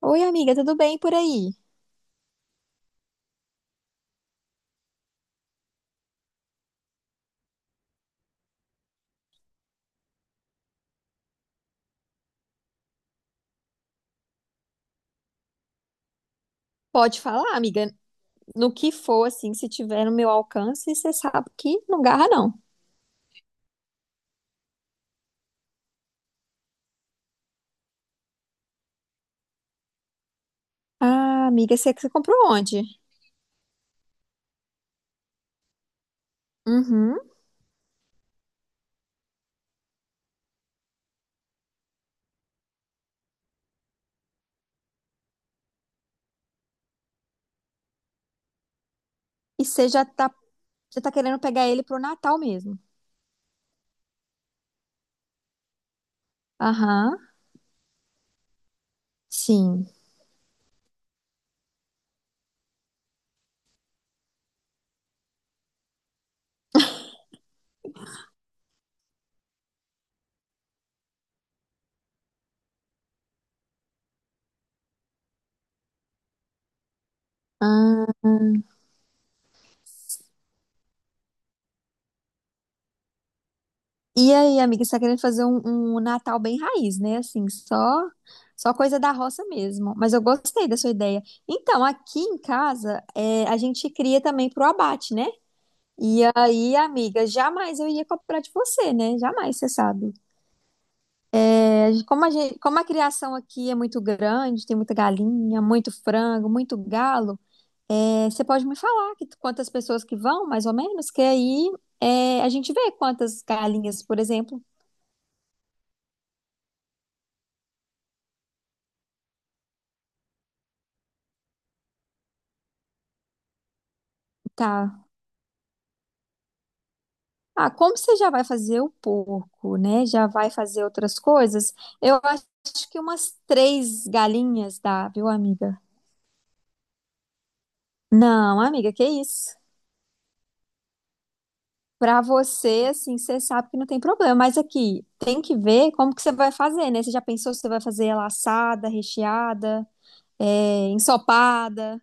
Oi, amiga, tudo bem por aí? Pode falar, amiga, no que for, assim, se tiver no meu alcance, você sabe que não garra, não. Ah, amiga, você comprou onde? Uhum. E você já tá querendo pegar ele pro Natal mesmo? Aham, sim. Ah, e aí, amiga, você tá querendo fazer um Natal bem raiz, né? Assim, só coisa da roça mesmo. Mas eu gostei da sua ideia. Então, aqui em casa, é, a gente cria também pro abate, né? E aí, amiga, jamais eu ia comprar de você, né? Jamais, você sabe. É, como a criação aqui é muito grande, tem muita galinha, muito frango, muito galo, é, você pode me falar quantas pessoas que vão, mais ou menos, que aí é, a gente vê quantas galinhas, por exemplo, tá. Ah, como você já vai fazer o porco, né? Já vai fazer outras coisas? Eu acho que umas três galinhas dá, viu, amiga? Não, amiga, que isso? Pra você, assim, você sabe que não tem problema, mas aqui tem que ver como que você vai fazer, né? Você já pensou se você vai fazer ela assada, recheada, é, ensopada?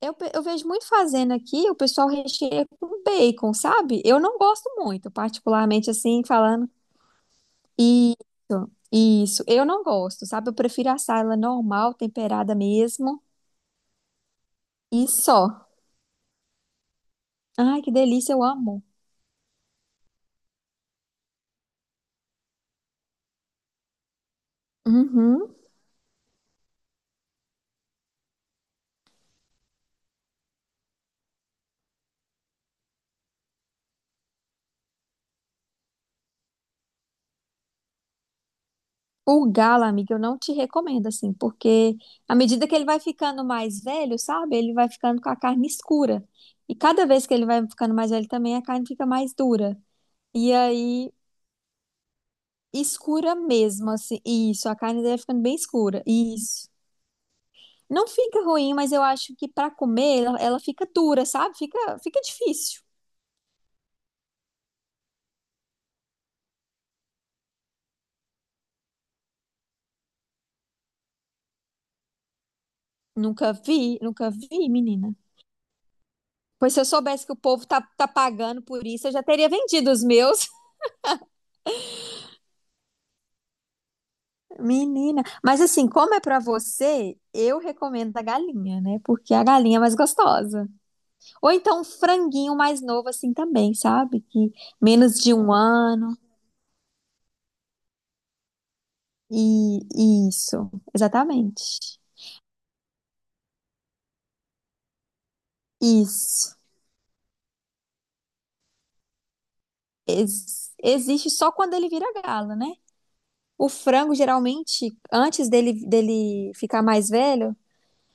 Eu, eu vejo muito fazendo aqui, o pessoal recheia com bacon, sabe? Eu não gosto muito, particularmente assim, falando. Isso, eu não gosto, sabe? Eu prefiro assar ela normal, temperada mesmo, e só. Ai, que delícia, eu amo. Uhum. O galo, amiga, eu não te recomendo, assim, porque à medida que ele vai ficando mais velho, sabe? Ele vai ficando com a carne escura. E cada vez que ele vai ficando mais velho também, a carne fica mais dura. E aí, escura mesmo, assim. Isso, a carne dele vai ficando bem escura. Isso. Não fica ruim, mas eu acho que pra comer ela, ela fica dura, sabe? Fica difícil. Nunca vi, nunca vi, menina. Pois se eu soubesse que o povo tá, tá pagando por isso, eu já teria vendido os meus. Menina, mas assim, como é pra você, eu recomendo a galinha, né? Porque é a galinha é mais gostosa. Ou então um franguinho mais novo assim também, sabe? Que menos de um ano e isso, exatamente. Isso. Existe só quando ele vira galo, né? O frango geralmente antes dele ficar mais velho,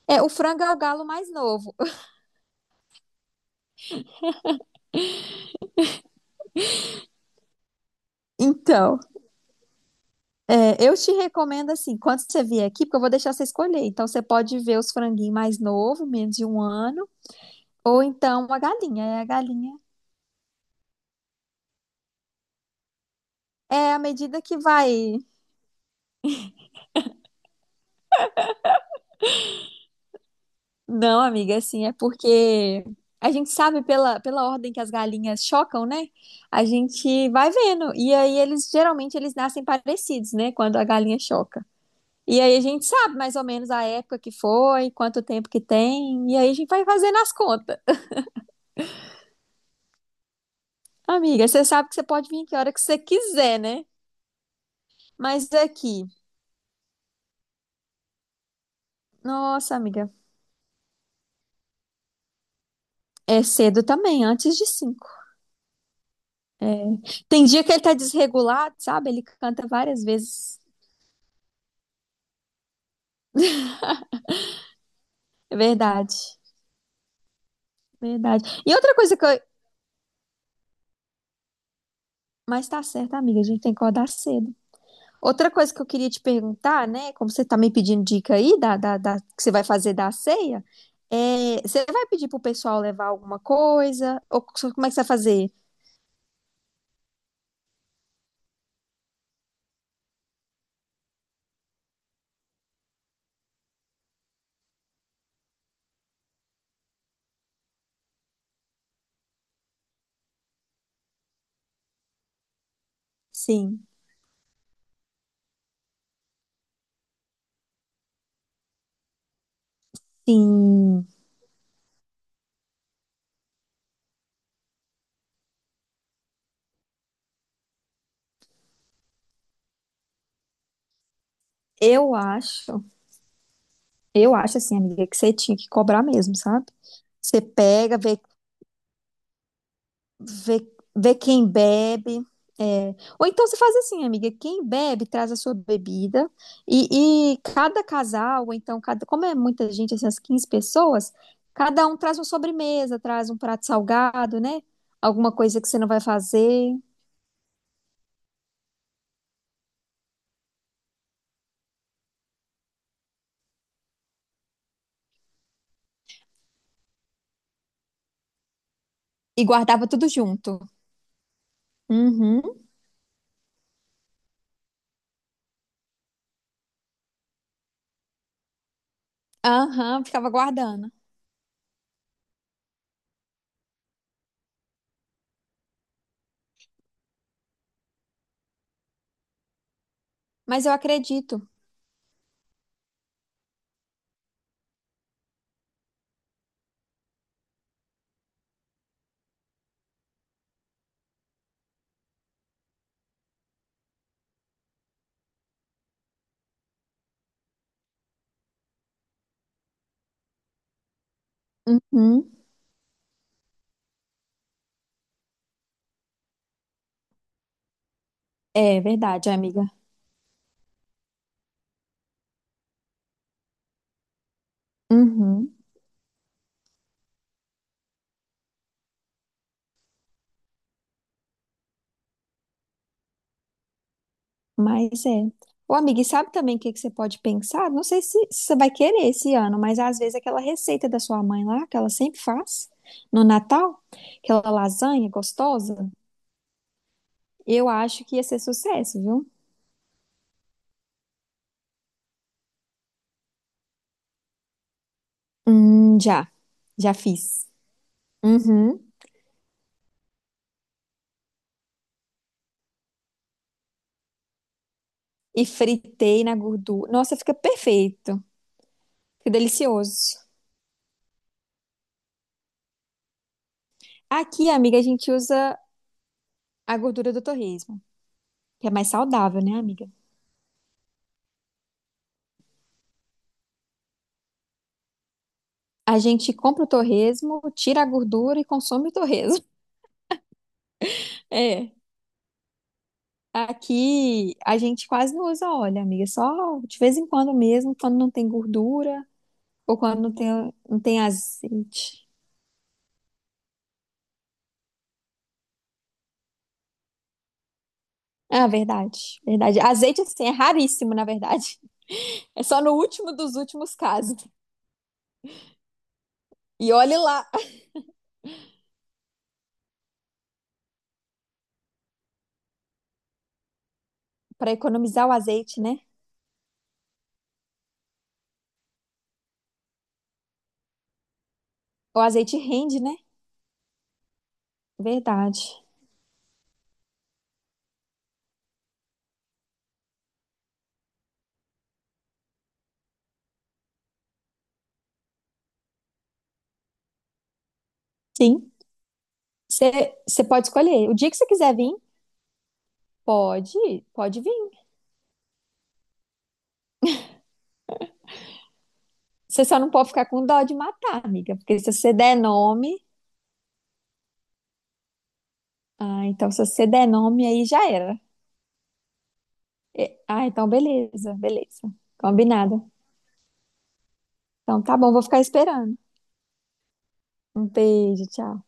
é o frango é o galo mais novo. Então, é, eu te recomendo assim, quando você vier aqui, porque eu vou deixar você escolher. Então você pode ver os franguinhos mais novos, menos de um ano, ou então a galinha. É a galinha. É à medida que vai. Não, amiga, assim, é porque a gente sabe pela ordem que as galinhas chocam, né? A gente vai vendo. E aí eles geralmente eles nascem parecidos, né? Quando a galinha choca. E aí a gente sabe mais ou menos a época que foi, quanto tempo que tem, e aí a gente vai fazendo as contas. Amiga, você sabe que você pode vir que hora que você quiser, né? Mas é aqui, nossa, amiga, é cedo também, antes de cinco. É. Tem dia que ele tá desregulado, sabe? Ele canta várias vezes. É verdade, verdade. E outra coisa que eu. Mas tá certo, amiga, a gente tem que acordar cedo. Outra coisa que eu queria te perguntar, né? Como você tá me pedindo dica aí da que você vai fazer da ceia, é, você vai pedir pro pessoal levar alguma coisa? Ou como é que você vai fazer? Sim. Sim. Eu acho, eu acho assim, amiga, que você tinha que cobrar mesmo, sabe? Você pega, vê, vê quem bebe. É. Ou então você faz assim, amiga, quem bebe traz a sua bebida e cada casal, ou então cada, como é muita gente, assim, as 15 pessoas, cada um traz uma sobremesa, traz um prato salgado, né? Alguma coisa que você não vai fazer. E guardava tudo junto. Uhum. Aham, ficava guardando. Mas eu acredito. Uhum. É verdade, amiga. Uhum, mas é. Ô, amiga, e sabe também o que que você pode pensar? Não sei se, se você vai querer esse ano, mas às vezes aquela receita da sua mãe lá, que ela sempre faz no Natal, aquela lasanha gostosa, eu acho que ia ser sucesso, viu? Já, já fiz. Uhum. E fritei na gordura. Nossa, fica perfeito. Fica delicioso. Aqui, amiga, a gente usa a gordura do torresmo, que é mais saudável, né, amiga? A gente compra o torresmo, tira a gordura e consome o torresmo. É. Aqui a gente quase não usa óleo, amiga. Só de vez em quando mesmo, quando não tem gordura ou quando não tem, não tem azeite. Ah, verdade, verdade. Azeite, assim, é raríssimo, na verdade. É só no último dos últimos casos. E olhe lá, para economizar o azeite, né? O azeite rende, né? Verdade. Sim. Você pode escolher. O dia que você quiser vir, pode, pode vir. Você só não pode ficar com dó de matar, amiga, porque se você der nome, ah, então se você der nome aí já era. Ah, então beleza, beleza. Combinado. Então tá bom, vou ficar esperando. Um beijo, tchau.